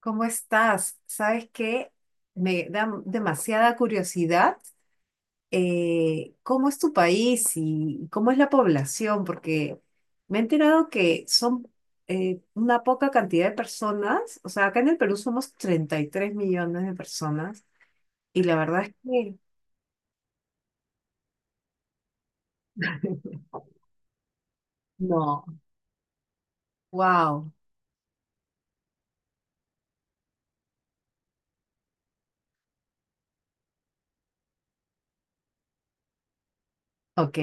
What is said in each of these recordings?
¿Cómo estás? ¿Sabes qué? Me da demasiada curiosidad. ¿Cómo es tu país y cómo es la población? Porque me he enterado que son una poca cantidad de personas. O sea, acá en el Perú somos 33 millones de personas. Y la verdad es que no. Wow. Ok.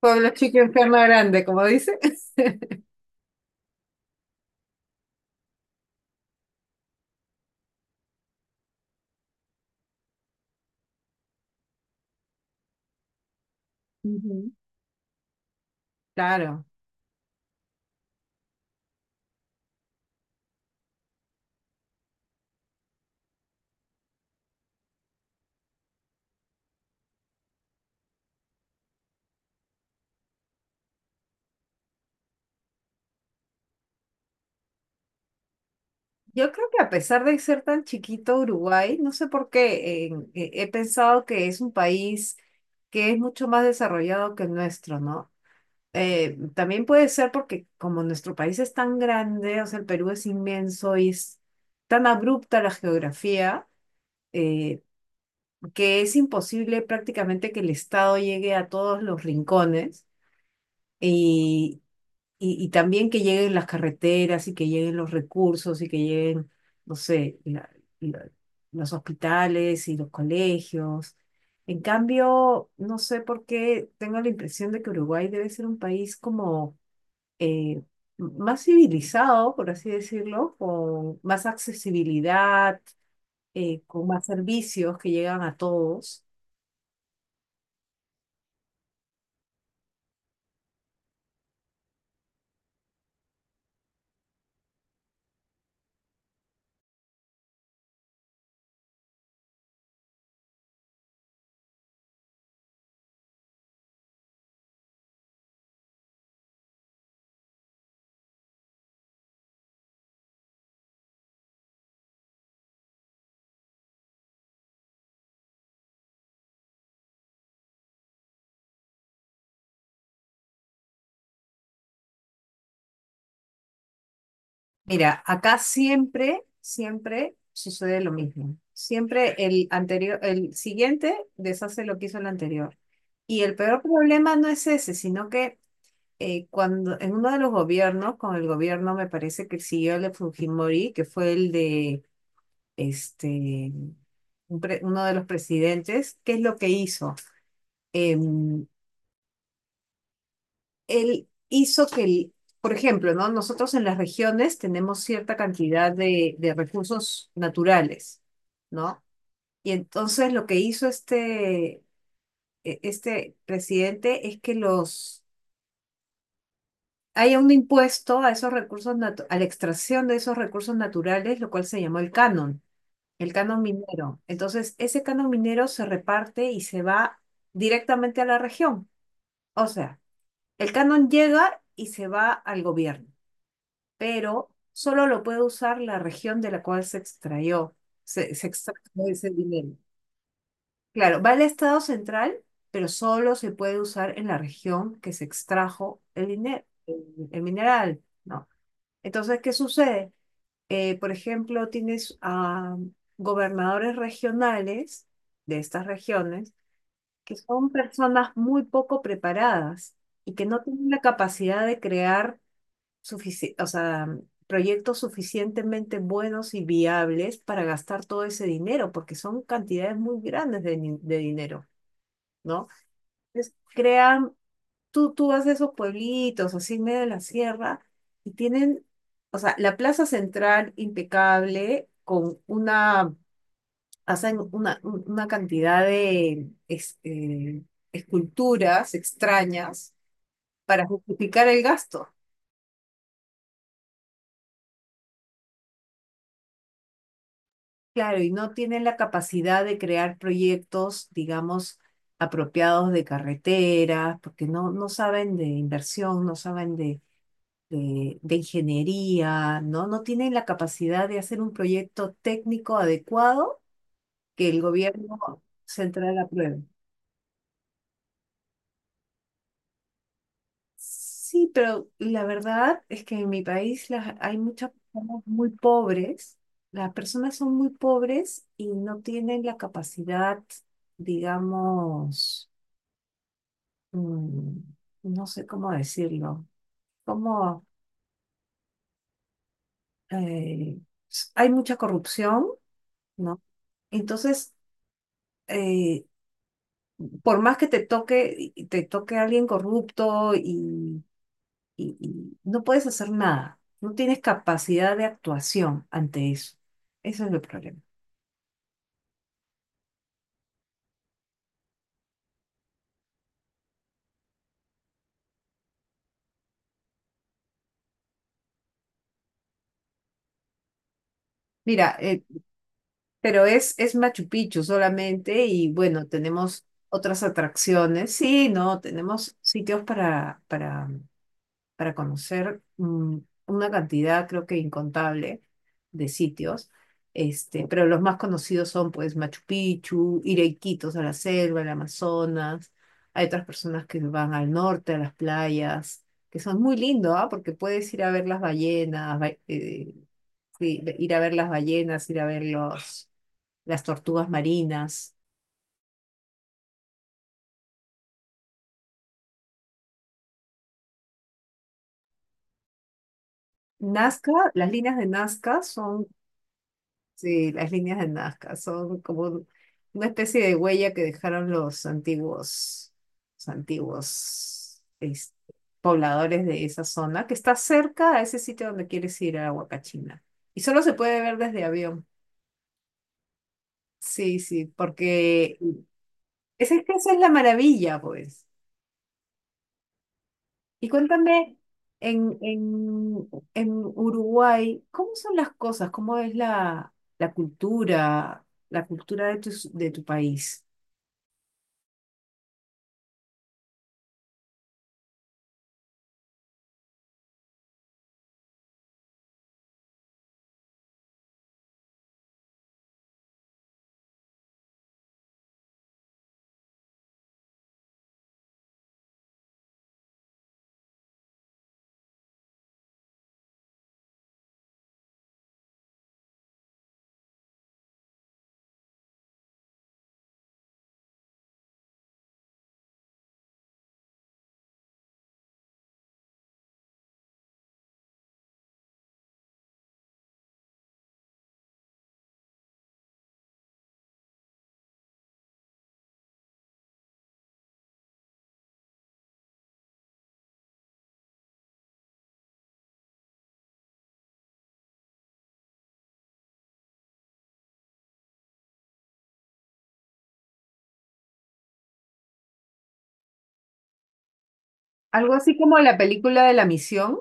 Pueblo chico, infierno grande, como dice. Ujú. Claro. Yo creo que a pesar de ser tan chiquito Uruguay, no sé por qué, he pensado que es un país que es mucho más desarrollado que el nuestro, ¿no? También puede ser porque como nuestro país es tan grande, o sea, el Perú es inmenso y es tan abrupta la geografía, eh, que es imposible prácticamente que el Estado llegue a todos los rincones. y y también que lleguen las carreteras y que lleguen los recursos y que lleguen, no sé, la- los hospitales y los colegios. En cambio, no sé por qué tengo la impresión de que Uruguay debe ser un país como eh, más civilizado, por así decirlo, con más accesibilidad, con más servicios que llegan a todos. Mira, acá siempre, siempre sucede lo mismo. Siempre el anterior, el siguiente deshace lo que hizo el anterior. Y el peor problema no es ese, sino que cuando en uno de los gobiernos, con el gobierno me parece que siguió el de Fujimori, que fue el de este, uno de los presidentes, ¿qué es lo que hizo? Em, Él hizo que, por ejemplo, ¿no? Nosotros en las regiones tenemos cierta cantidad de recursos naturales, ¿no? Y entonces lo que hizo este presidente es que los haya un impuesto a esos recursos a la extracción de esos recursos naturales, lo cual se llamó el canon minero. Entonces, ese canon minero se reparte y se va directamente a la región. O sea, el canon llega y se va al gobierno, pero solo lo puede usar la región de la cual se extrayó, se extrajo ese dinero. Claro, va al Estado central, pero solo se puede usar en la región que se extrajo el dinero, el mineral, ¿no? Entonces, ¿qué sucede? Por ejemplo, tienes a gobernadores regionales de estas regiones que son personas muy poco preparadas y que no tienen la capacidad de crear o sea, proyectos suficientemente buenos y viables para gastar todo ese dinero, porque son cantidades muy grandes de dinero, ¿no? Entonces, tú vas de esos pueblitos, así en medio de la sierra, y tienen, o sea, la plaza central impecable, con una, hacen una cantidad de esculturas extrañas para justificar el gasto. Claro, y no tienen la capacidad de crear proyectos, digamos, apropiados de carreteras, porque no saben de inversión, no saben de ingeniería, ¿no? No tienen la capacidad de hacer un proyecto técnico adecuado que el gobierno central apruebe. Sí, pero la verdad es que en mi país hay muchas personas muy pobres, las personas son muy pobres y no tienen la capacidad, digamos, mm, no sé cómo decirlo, como eh, hay mucha corrupción, ¿no? Entonces, eh, por más que te toque, y te toque alguien corrupto y no puedes hacer nada, no tienes capacidad de actuación ante eso. Ese es el problema. Mira, pero es, Machu Picchu solamente y bueno, tenemos otras atracciones. Sí, no, tenemos sitios para, para conocer una cantidad, creo que incontable, de sitios. Este, pero los más conocidos son pues Machu Picchu, ir a Iquitos, a la selva, al Amazonas. Hay otras personas que van al norte, a las playas, que son muy lindos, ¿ah? Porque puedes ir a ver las ballenas, sí, ir a ver las ballenas, ir a ver las tortugas marinas. Nazca, las líneas de Nazca son. Sí, las líneas de Nazca son como una especie de huella que dejaron los antiguos, los antiguos es- pobladores de esa zona, que está cerca a ese sitio donde quieres ir a Huacachina. Y solo se puede ver desde avión. Sí, sí, porque esa es la maravilla, pues. Y cuéntame, en, en, en Uruguay, ¿cómo son las cosas? ¿Cómo es la cultura de tu país? Algo así como la película de la misión.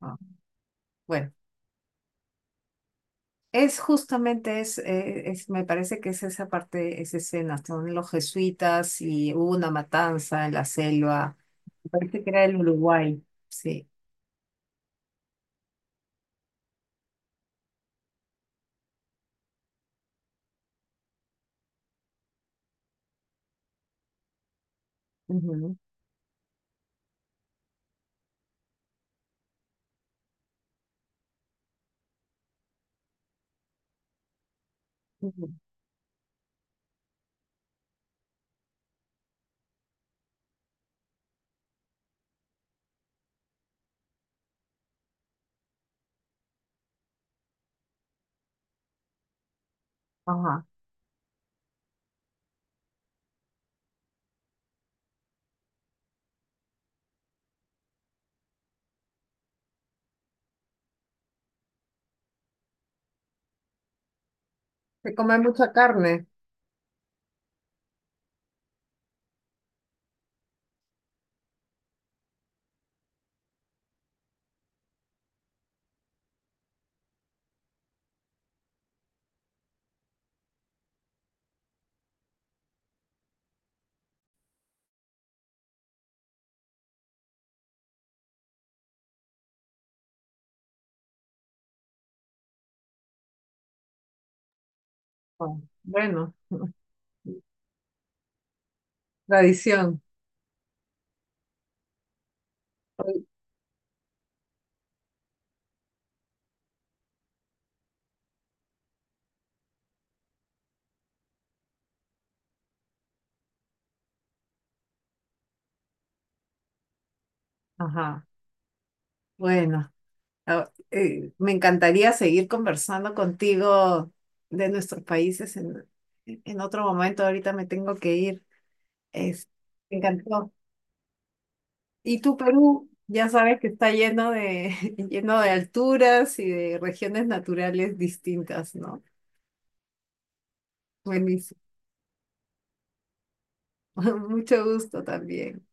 Ah, bueno, es justamente, es- me parece que es esa parte, esa escena. Son los jesuitas y hubo una matanza en la selva. Me parece que era el Uruguay. Sí. Ujú, ujú. Ajá. Se come mucha carne. Ah, bueno, tradición. Ajá. Bueno, me encantaría seguir conversando contigo de nuestros países en otro momento. Ahorita me tengo que ir. Es, me encantó. Y tú, Perú, ya sabes que está lleno de, lleno de alturas y de regiones naturales distintas, ¿no? Buenísimo. Mucho gusto también.